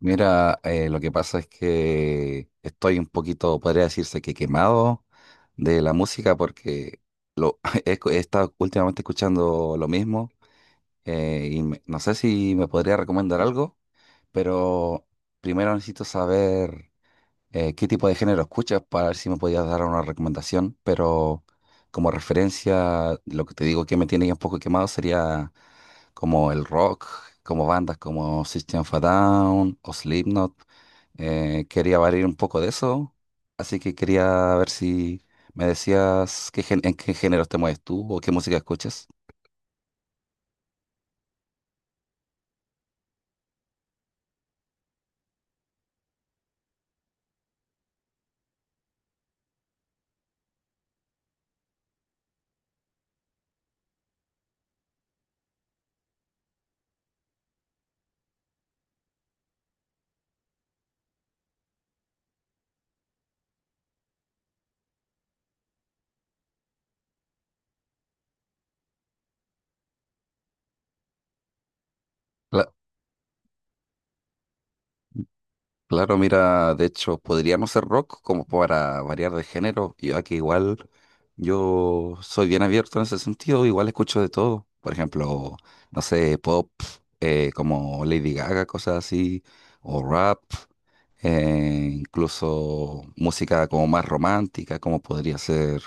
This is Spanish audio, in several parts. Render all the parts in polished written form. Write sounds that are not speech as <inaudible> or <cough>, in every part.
Mira, lo que pasa es que estoy un poquito, podría decirse que quemado de la música porque lo, <laughs> he estado últimamente escuchando lo mismo. No sé si me podría recomendar algo, pero primero necesito saber qué tipo de género escuchas para ver si me podías dar una recomendación. Pero como referencia, lo que te digo que me tiene ya un poco quemado sería como el rock, como bandas como System of a Down o Slipknot. Quería variar un poco de eso, así que quería ver si me decías en qué géneros te mueves tú o qué música escuchas. Claro, mira, de hecho, podría no ser rock como para variar de género, y aquí igual yo soy bien abierto en ese sentido, igual escucho de todo. Por ejemplo, no sé, pop, como Lady Gaga, cosas así, o rap, incluso música como más romántica, como podría ser,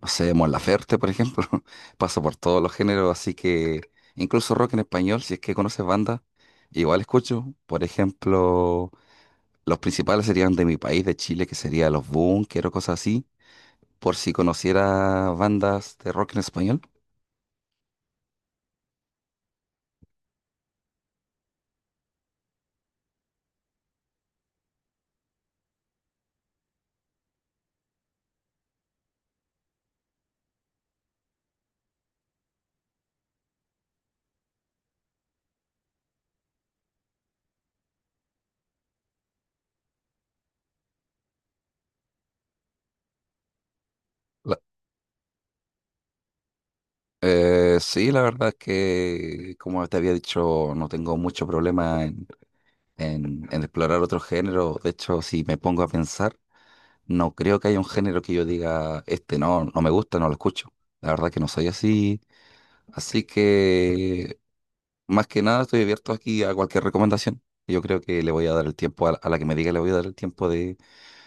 no sé, Mon Laferte, por ejemplo. <laughs> Paso por todos los géneros, así que incluso rock en español, si es que conoces bandas, igual escucho. Por ejemplo. Los principales serían de mi país, de Chile, que sería Los Bunkers o cosas así, por si conociera bandas de rock en español. La- sí, la verdad es que, como te había dicho, no tengo mucho problema en, en explorar otro género. De hecho, si me pongo a pensar, no creo que haya un género que yo diga, este no, no me gusta, no lo escucho. La verdad que no soy así. Así que más que nada estoy abierto aquí a cualquier recomendación. Yo creo que le voy a dar el tiempo a la que me diga, le voy a dar el tiempo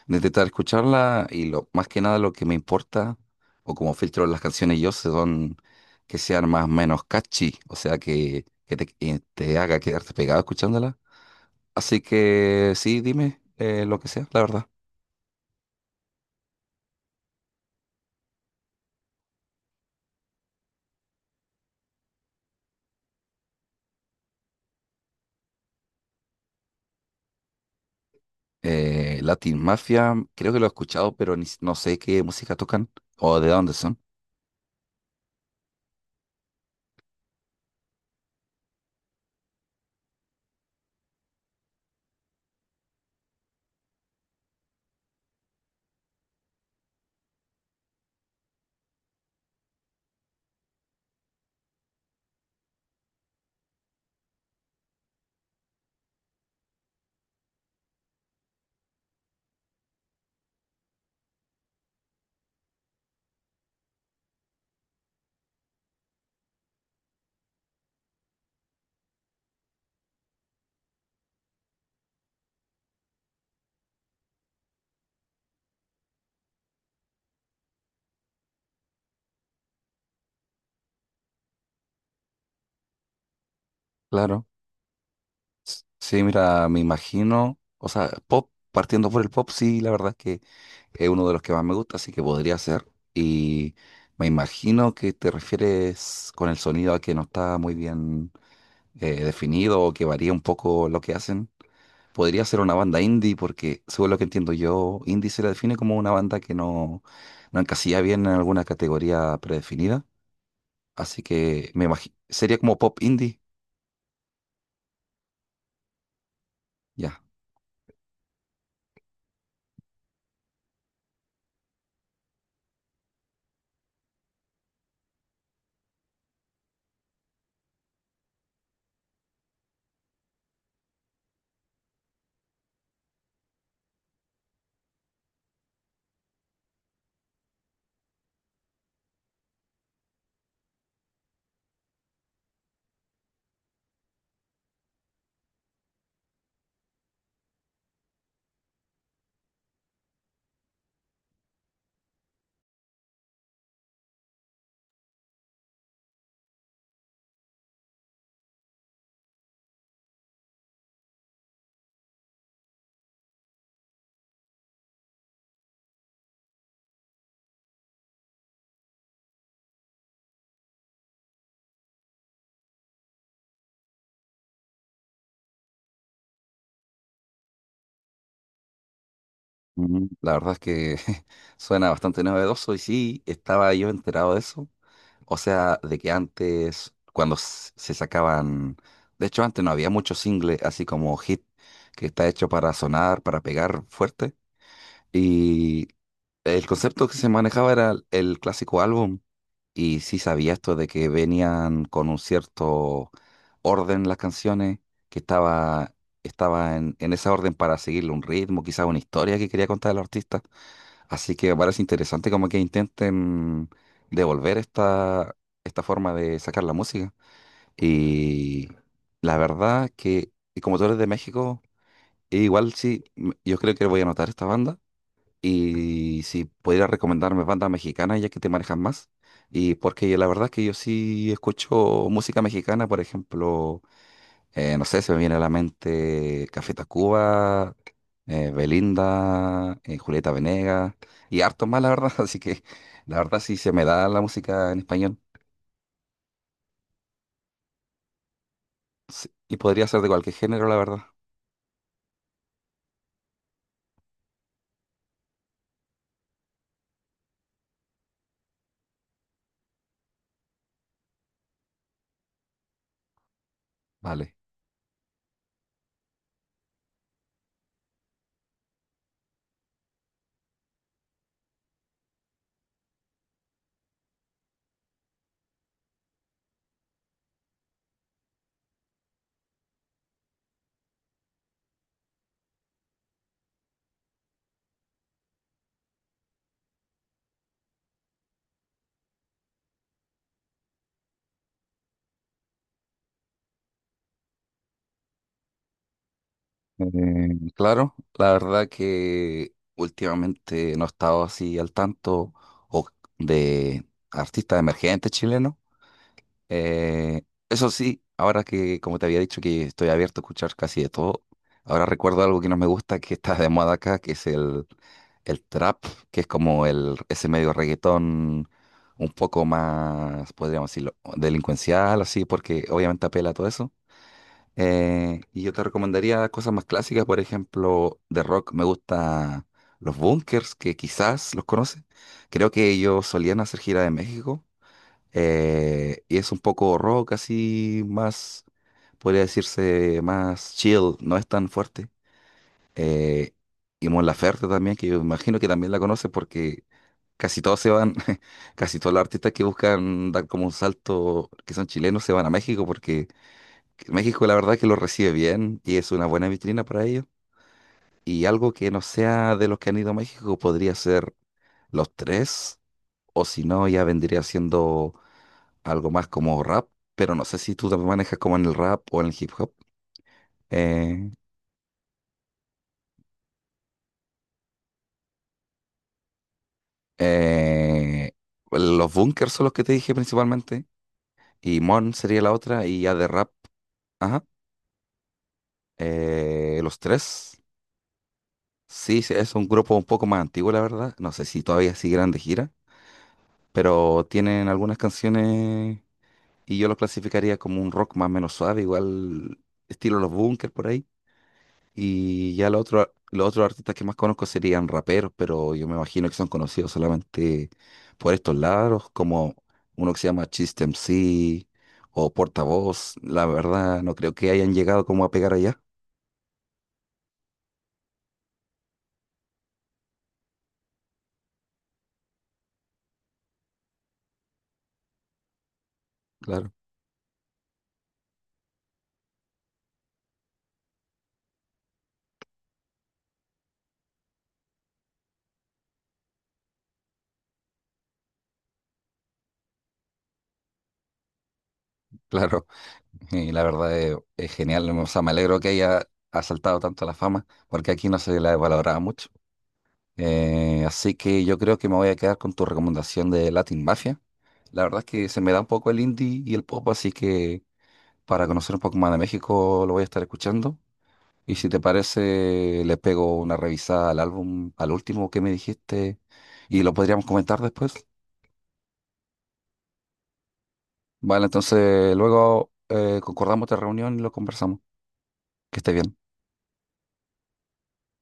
de intentar escucharla. Y lo, más que nada lo que me importa o como filtro las canciones yo son que sean más o menos catchy, o sea que, que te haga quedarte pegado escuchándola. Así que sí, dime, lo que sea, la verdad. Latin Mafia, creo que lo he escuchado, pero ni s- no sé qué música tocan o de dónde son. Claro. Sí, mira, me imagino, o sea, pop, partiendo por el pop, sí, la verdad es que es uno de los que más me gusta, así que podría ser. Y me imagino que te refieres con el sonido a que no está muy bien definido o que varía un poco lo que hacen. Podría ser una banda indie, porque según lo que entiendo yo, indie se la define como una banda que no, no encasilla bien en alguna categoría predefinida. Así que me imagino, sería como pop indie. Ya. Mm, la verdad es que <laughs> suena bastante novedoso y sí, estaba yo enterado de eso. O sea, de que antes, cuando se sacaban, de hecho antes no había muchos singles, así como hit, que está hecho para sonar, para pegar fuerte. Y el concepto que se manejaba era el clásico álbum. Y sí sabía esto de que venían con un cierto orden las canciones, que estaba, estaba en esa orden para seguirle un ritmo, quizás una historia que quería contar el artista. Así que me parece interesante como que intenten devolver esta, esta forma de sacar la música. Y la verdad que, y como tú eres de México, igual sí, yo creo que voy a anotar esta banda. Y si pudieras recomendarme bandas mexicanas, ya que te manejas más. Y porque la verdad es que yo sí escucho música mexicana, por ejemplo, no sé, se me viene a la mente Café Tacuba, Belinda, Julieta Venegas y harto más, la verdad. <laughs> Así que la verdad sí se me da la música en español, sí, y podría ser de cualquier género, la verdad. Vale. Eh, claro, la verdad que últimamente no he estado así al tanto o de artistas emergentes chilenos. Eh, eso sí, ahora que, como te había dicho, que estoy abierto a escuchar casi de todo, ahora recuerdo algo que no me gusta, que está de moda acá, que es el trap, que es como el, ese medio reggaetón un poco más, podríamos decirlo, delincuencial, así, porque obviamente apela a todo eso. Y yo te recomendaría cosas más clásicas, por ejemplo, de rock me gusta los Bunkers, que quizás los conoces. Creo que ellos solían hacer gira de México, y es un poco rock así, más, podría decirse, más chill, no es tan fuerte. Eh, y Mon Laferte también, que yo imagino que también la conoce porque casi todos se van, <laughs> casi todos los artistas que buscan dar como un salto, que son chilenos, se van a México porque México la verdad que lo recibe bien y es una buena vitrina para ellos. Y algo que no sea de los que han ido a México podría ser Los Tres, o si no, ya vendría siendo algo más como rap, pero no sé si tú te manejas como en el rap o en el hip hop. Eh, eh, los Bunkers son los que te dije principalmente, y Mon sería la otra, y ya de rap, ajá, los Tres. Sí, sí, es un grupo un poco más antiguo, la verdad. No sé si todavía siguen de gira, pero tienen algunas canciones y yo los clasificaría como un rock más o menos suave, igual estilo los Bunkers por ahí. Y ya los otros artistas que más conozco serían raperos, pero yo me imagino que son conocidos solamente por estos lados, como uno que se llama Chiste MC o Portavoz. La verdad, no creo que hayan llegado como a pegar allá. Claro, <laughs> claro. Y la verdad es genial. O sea, me alegro que haya asaltado tanto la fama, porque aquí no se la valoraba mucho. Así que yo creo que me voy a quedar con tu recomendación de Latin Mafia. La verdad es que se me da un poco el indie y el pop, así que para conocer un poco más de México, lo voy a estar escuchando. Y si te parece, le pego una revisada al álbum, al último que me dijiste, y lo podríamos comentar después. Vale, entonces luego concordamos de reunión y lo conversamos. Que esté bien.